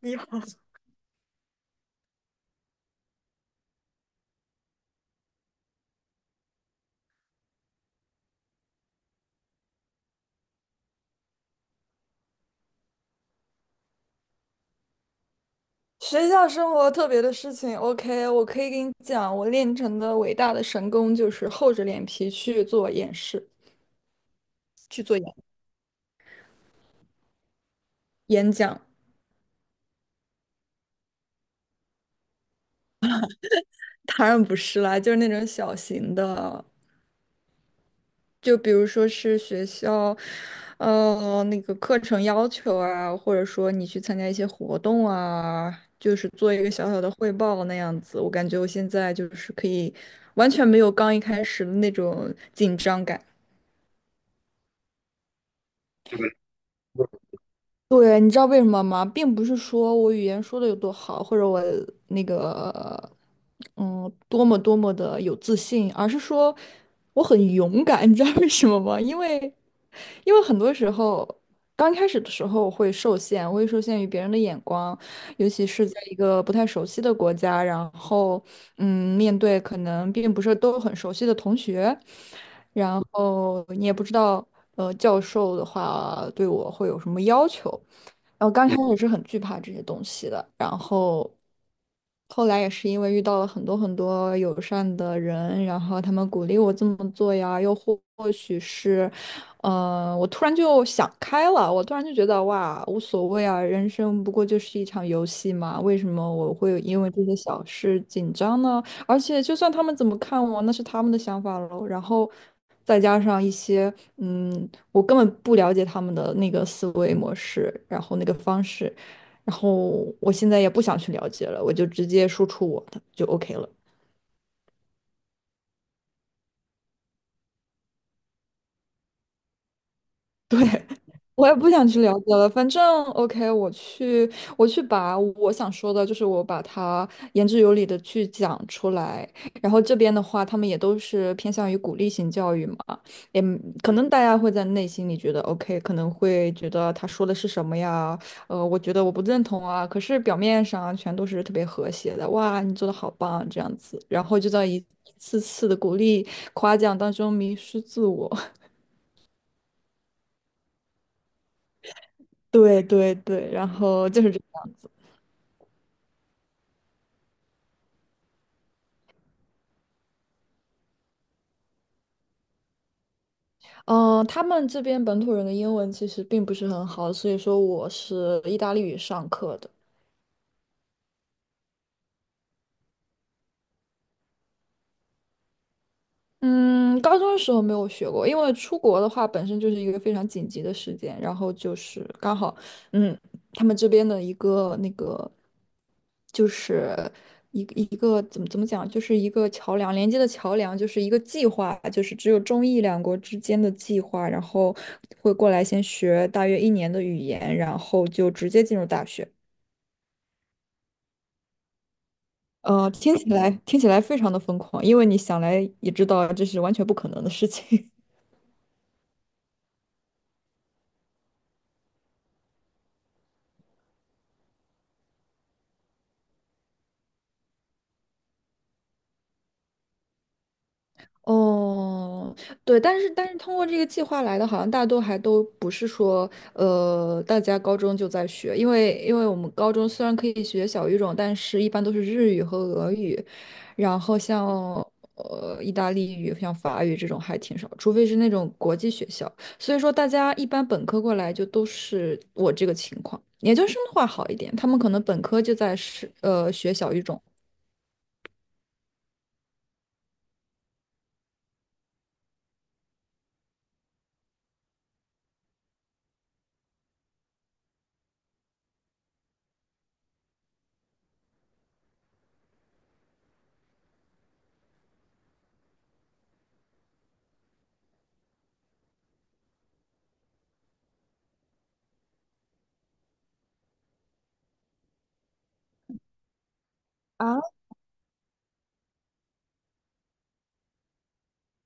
你好，学校生活特别的事情，OK，我可以给你讲，我练成的伟大的神功就是厚着脸皮去做演示，去做演演讲。当然不是啦，就是那种小型的，就比如说是学校，那个课程要求啊，或者说你去参加一些活动啊，就是做一个小小的汇报那样子。我感觉我现在就是可以完全没有刚一开始的那种紧张感。对，你知道为什么吗？并不是说我语言说的有多好，或者我那个，多么多么的有自信，而是说我很勇敢。你知道为什么吗？因为很多时候刚开始的时候我会受限，我会受限于别人的眼光，尤其是在一个不太熟悉的国家，然后面对可能并不是都很熟悉的同学，然后你也不知道教授的话对我会有什么要求，然后刚开始是很惧怕这些东西的，然后后来也是因为遇到了很多很多友善的人，然后他们鼓励我这么做呀，又或许是，我突然就想开了，我突然就觉得哇，无所谓啊，人生不过就是一场游戏嘛，为什么我会因为这些小事紧张呢？而且就算他们怎么看我，那是他们的想法喽。然后再加上一些，我根本不了解他们的那个思维模式，然后那个方式。然后我现在也不想去了解了，我就直接输出我的就 OK 了。对，我也不想去了解了。反正 OK，我去，我去把我想说的，就是我把它言之有理的去讲出来。然后这边的话，他们也都是偏向于鼓励型教育嘛，也可能大家会在内心里觉得 OK，可能会觉得他说的是什么呀？我觉得我不认同啊。可是表面上全都是特别和谐的，哇，你做的好棒这样子，然后就在一次次的鼓励夸奖当中迷失自我。对对对，然后就是这个样子。嗯、他们这边本土人的英文其实并不是很好，所以说我是意大利语上课的。嗯，高中的时候没有学过，因为出国的话本身就是一个非常紧急的时间，然后就是刚好，嗯，他们这边的一个那个，就是一个怎么讲，就是一个桥梁连接的桥梁，就是一个计划，就是只有中意两国之间的计划，然后会过来先学大约一年的语言，然后就直接进入大学。听起来非常的疯狂，因为你想来也知道这是完全不可能的事情。哦，对，但是通过这个计划来的，好像大多还都不是说，大家高中就在学，因为我们高中虽然可以学小语种，但是一般都是日语和俄语，然后像意大利语、像法语这种还挺少，除非是那种国际学校，所以说大家一般本科过来就都是我这个情况，研究生的话好一点，他们可能本科就在是学小语种。啊，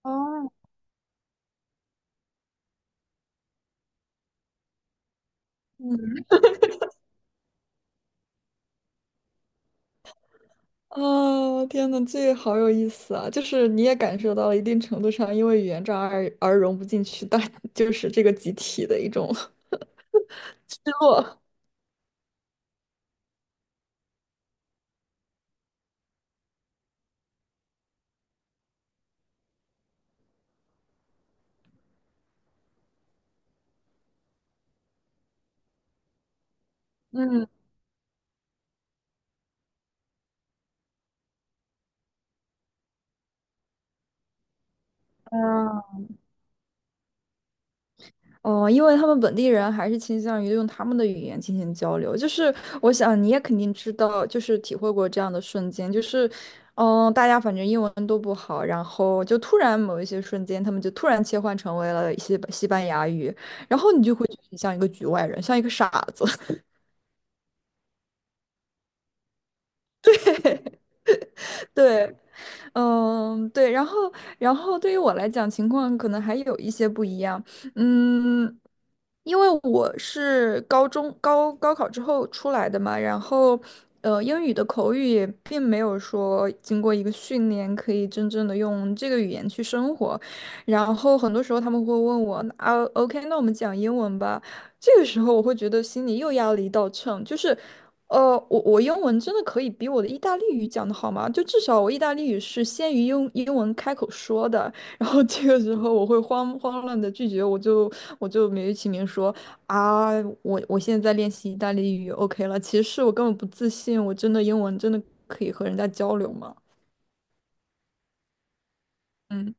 哦，啊，天呐，这个好有意思啊！就是你也感受到了一定程度上，因为语言障碍而融不进去但 就是这个集体的一种 失落。嗯啊，哦，因为他们本地人还是倾向于用他们的语言进行交流。就是我想你也肯定知道，就是体会过这样的瞬间，就是，大家反正英文都不好，然后就突然某一些瞬间，他们就突然切换成为了一些西班牙语，然后你就会觉得你像一个局外人，像一个傻子。对，嗯，对，然后，然后对于我来讲，情况可能还有一些不一样。嗯，因为我是高中高考之后出来的嘛，然后，英语的口语也并没有说经过一个训练可以真正的用这个语言去生活。然后很多时候他们会问我，啊，OK，那我们讲英文吧。这个时候我会觉得心里又压了一道秤，就是，我英文真的可以比我的意大利语讲的好吗？就至少我意大利语是先于英文开口说的，然后这个时候我会慌慌乱的拒绝，我就美其名说啊，我现在在练习意大利语，OK 了，其实我根本不自信，我真的英文真的可以和人家交流吗？嗯。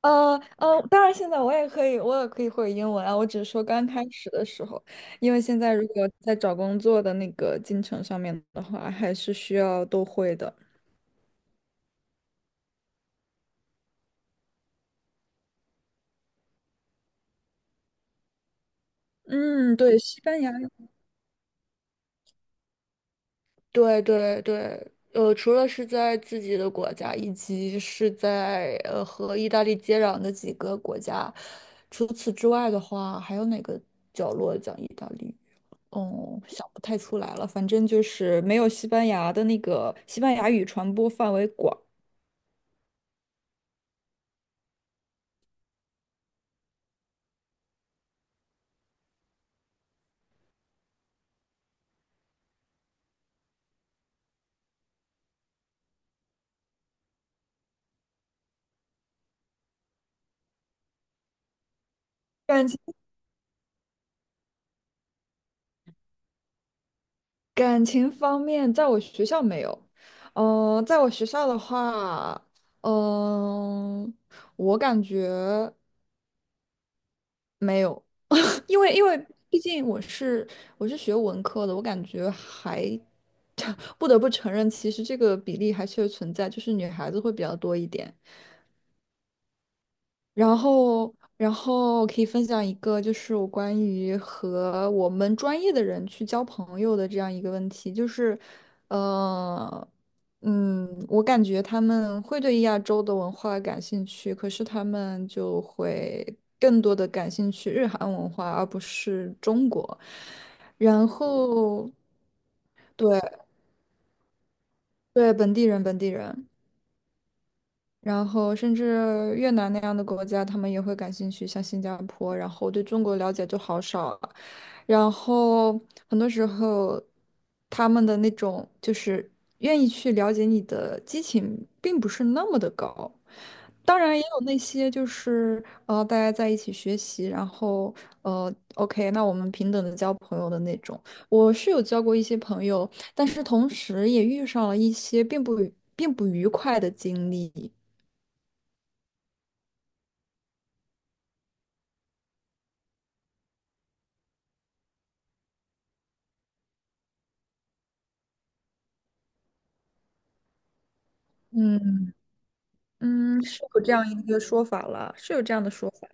当然现在我也可以，我也可以会英文啊。我只是说刚开始的时候，因为现在如果在找工作的那个进程上面的话，还是需要都会的。嗯，对，西班牙语对对对，除了是在自己的国家，以及是在和意大利接壤的几个国家，除此之外的话，还有哪个角落讲意大利哦，想不太出来了，反正就是没有西班牙的那个西班牙语传播范围广。感情感情方面，在我学校没有。嗯、在我学校的话，嗯、我感觉没有，因为毕竟我是学文科的，我感觉还 不得不承认，其实这个比例还确实存在，就是女孩子会比较多一点。然后，然后我可以分享一个，就是我关于和我们专业的人去交朋友的这样一个问题，就是，呃，我感觉他们会对亚洲的文化感兴趣，可是他们就会更多的感兴趣日韩文化，而不是中国。然后，对对，本地人，本地人。然后甚至越南那样的国家，他们也会感兴趣，像新加坡。然后对中国了解就好少了，然后很多时候他们的那种就是愿意去了解你的激情，并不是那么的高。当然也有那些就是大家在一起学习，然后OK，那我们平等的交朋友的那种。我是有交过一些朋友，但是同时也遇上了一些并不愉快的经历。嗯嗯，是有这样一个说法了，是有这样的说法。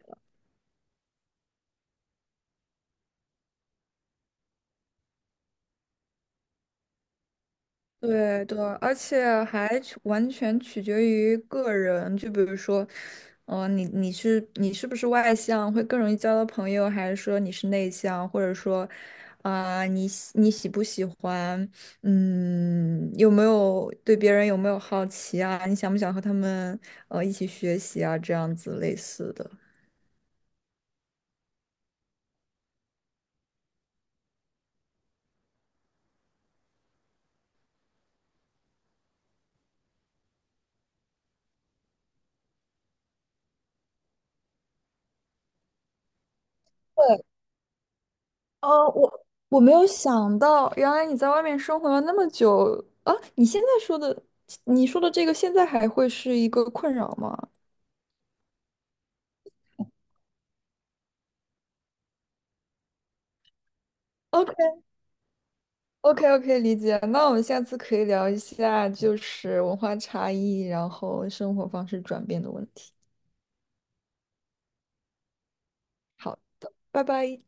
对对，而且还取完全取决于个人，就比如说，你是不是外向，会更容易交到朋友，还是说你是内向，或者说，啊、你喜不喜欢，有没有对别人有没有好奇啊？你想不想和他们一起学习啊？这样子类似的。哦，我没有想到，原来你在外面生活了那么久啊！你现在说的，你说的这个，现在还会是一个困扰吗？OK OK OK，理解。那我们下次可以聊一下，就是文化差异，然后生活方式转变的问题。好的，拜拜。